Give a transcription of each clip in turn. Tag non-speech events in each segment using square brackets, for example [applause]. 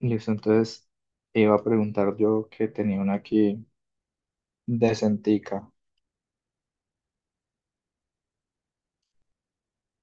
Listo, entonces te iba a preguntar yo que tenía una aquí decentica.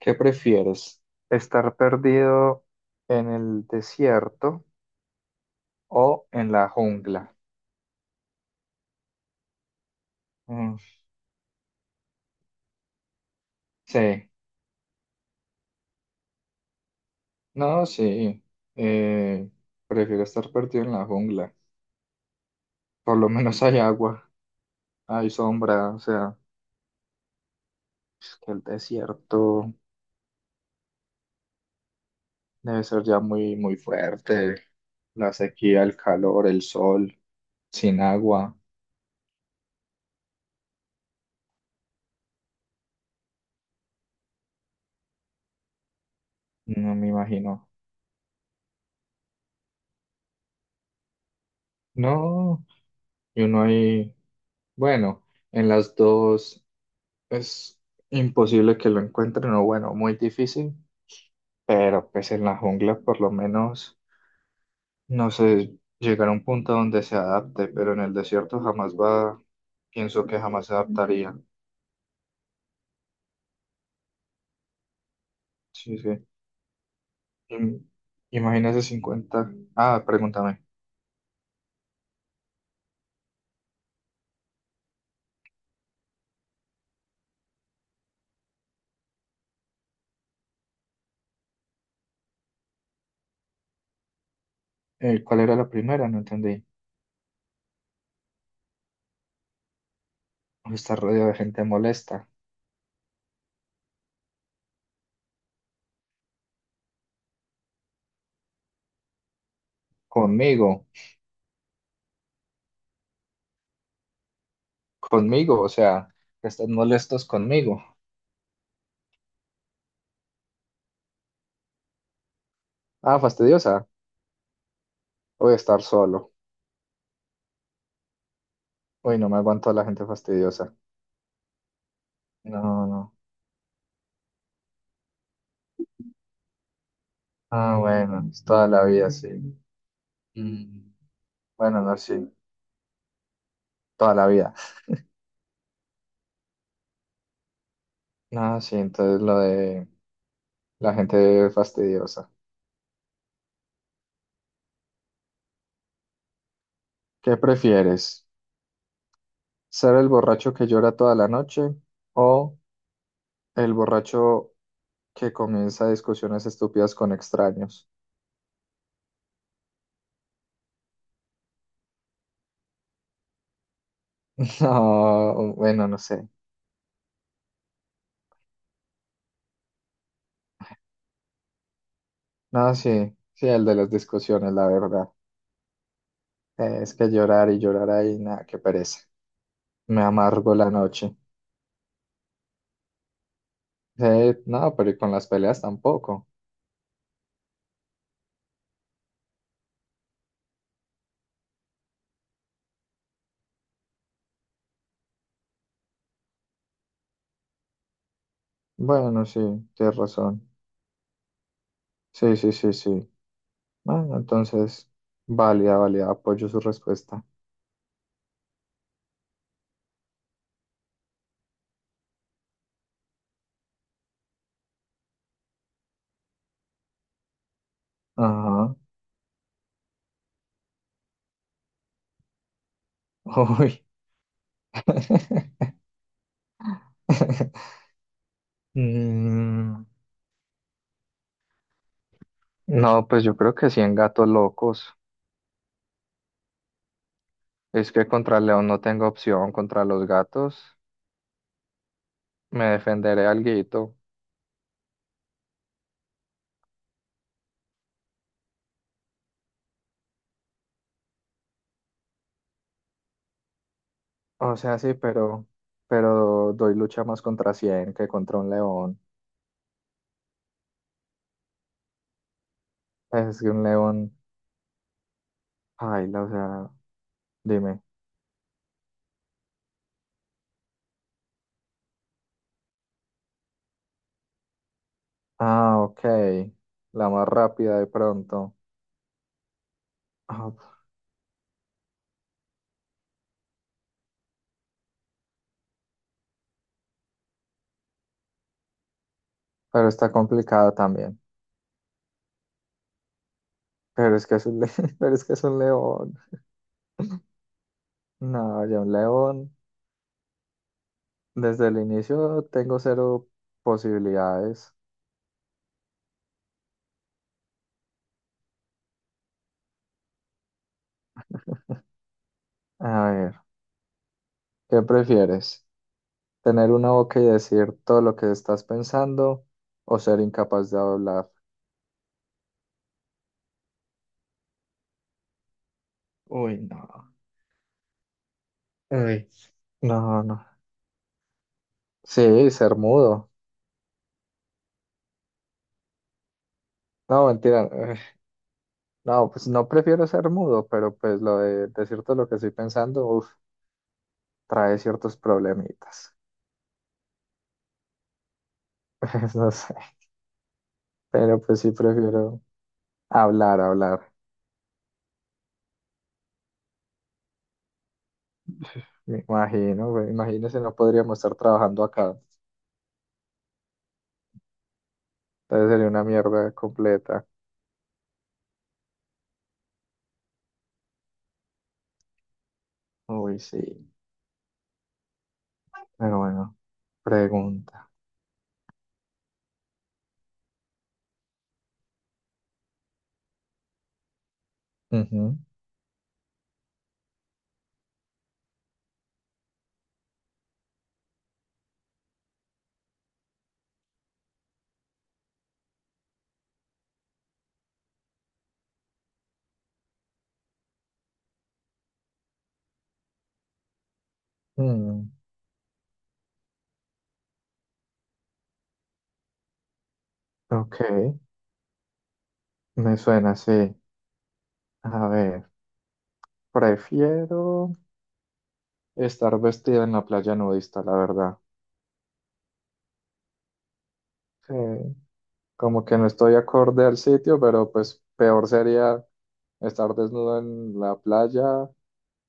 ¿Qué prefieres? ¿Estar perdido en el desierto o en la jungla? Mm, sí, no, sí. Eh, Prefiero estar perdido en la jungla. Por lo menos hay agua, hay sombra, o sea, es que el desierto debe ser ya muy, muy fuerte. La sequía, el calor, el sol, sin agua, no me imagino. No, y uno ahí, bueno, en las dos es imposible que lo encuentren, o bueno, muy difícil, pero pues en la jungla por lo menos, no sé, llegar a un punto donde se adapte, pero en el desierto jamás va, pienso que jamás se adaptaría. Sí, sí. Im- Imagínese 50. Ah, pregúntame, ¿cuál era la primera? No entendí. Estar rodeado de gente molesta. Conmigo, conmigo, o sea, que están molestos conmigo. Ah, fastidiosa. Voy a estar solo. Uy, no me aguanto a la gente fastidiosa. No, no. Ah, bueno, es toda la vida, sí. Mm. Bueno, no, sí, toda la vida. No, sí, entonces lo de la gente fastidiosa. ¿Qué prefieres? ¿Ser el borracho que llora toda la noche o el borracho que comienza discusiones estúpidas con extraños? [laughs] No, bueno, no sé. No, sí, sí, el de las discusiones, la verdad. Es que llorar y llorar ahí, nada, qué pereza. Me amargo la noche. No, pero y con las peleas tampoco. Bueno, sí, tienes razón. Sí, sí, sí, sí. Bueno, entonces, válida, válida, apoyo su respuesta. Ajá. Uy. [laughs] Mm, no, pues yo creo que sí en gatos locos. Es que contra el león no tengo opción, contra los gatos me defenderé alguito. O sea, sí, pero doy lucha más contra 100 que contra un león. Es que un león. Paila, o sea, dime. Ah, ok. La más rápida de pronto. Ah, pero está complicada también. Pero es que es un, [laughs] pero es que es un león. No, ya un león. Desde el inicio tengo cero posibilidades. A ver, ¿qué prefieres? ¿Tener una boca y decir todo lo que estás pensando o ser incapaz de hablar? Uy, no. Uy. No, no. Sí, ser mudo. No, mentira. [laughs] No, pues no prefiero ser mudo, pero pues lo de decirte lo que estoy pensando, uf, trae ciertos problemitas. [laughs] Pues no sé, pero pues sí prefiero hablar, hablar. Me imagino, güey, imagínese, no podríamos estar trabajando acá. Entonces sería una mierda completa. Uy, sí, pero bueno, pregunta. Ujú. Mm, ok, me suena así. A ver, prefiero estar vestida en la playa nudista, la verdad. Sí, como que no estoy acorde al sitio, pero pues peor sería estar desnudo en la playa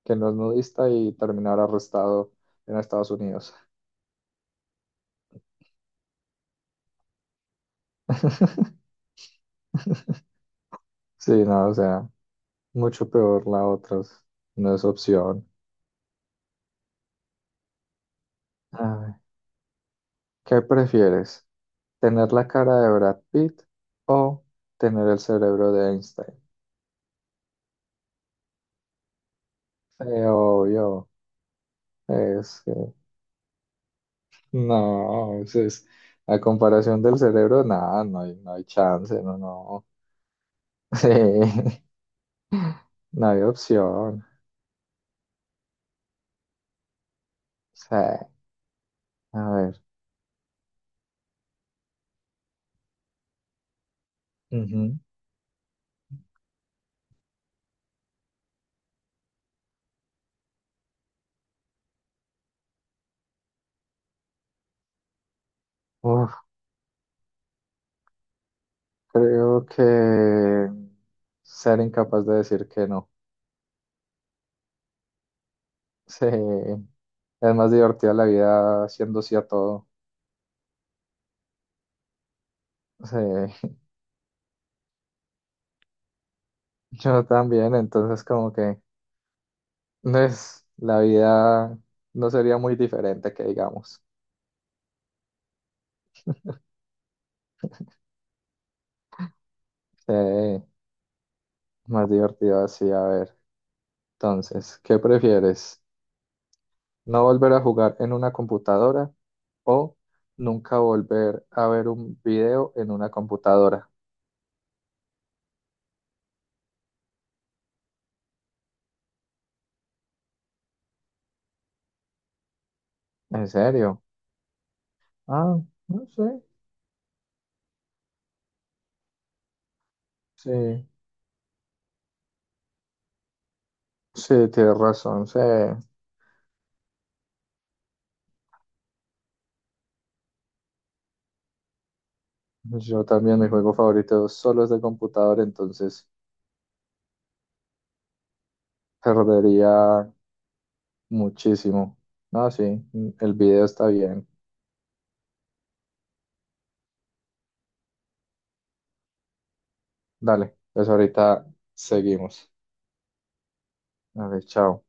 que no es nudista y terminar arrestado en Estados Unidos. [laughs] Sí, no, o sea, mucho peor la otra, no es opción. A ver, ¿qué prefieres? ¿Tener la cara de Brad Pitt o tener el cerebro de Einstein? Sí, obvio, es que no, a comparación del cerebro, nada, no hay chance, no, no. Sí, [laughs] no hay opción. Sí, a ver. Ujú. Uf, creo que ser incapaz de decir que no. Sí, es más divertida la vida siendo sí a todo. Sí, [laughs] yo también, entonces como que no es la vida no sería muy diferente que digamos. Sí, más divertido así, a ver. Entonces, ¿qué prefieres? ¿No volver a jugar en una computadora o nunca volver a ver un video en una computadora? ¿En serio? Ah, no sé. Sí, sí, tienes razón. Sí. Yo también, mi juego favorito solo es de computador, entonces perdería muchísimo. No, sí, el video está bien. Dale, pues ahorita seguimos. A ver, chao.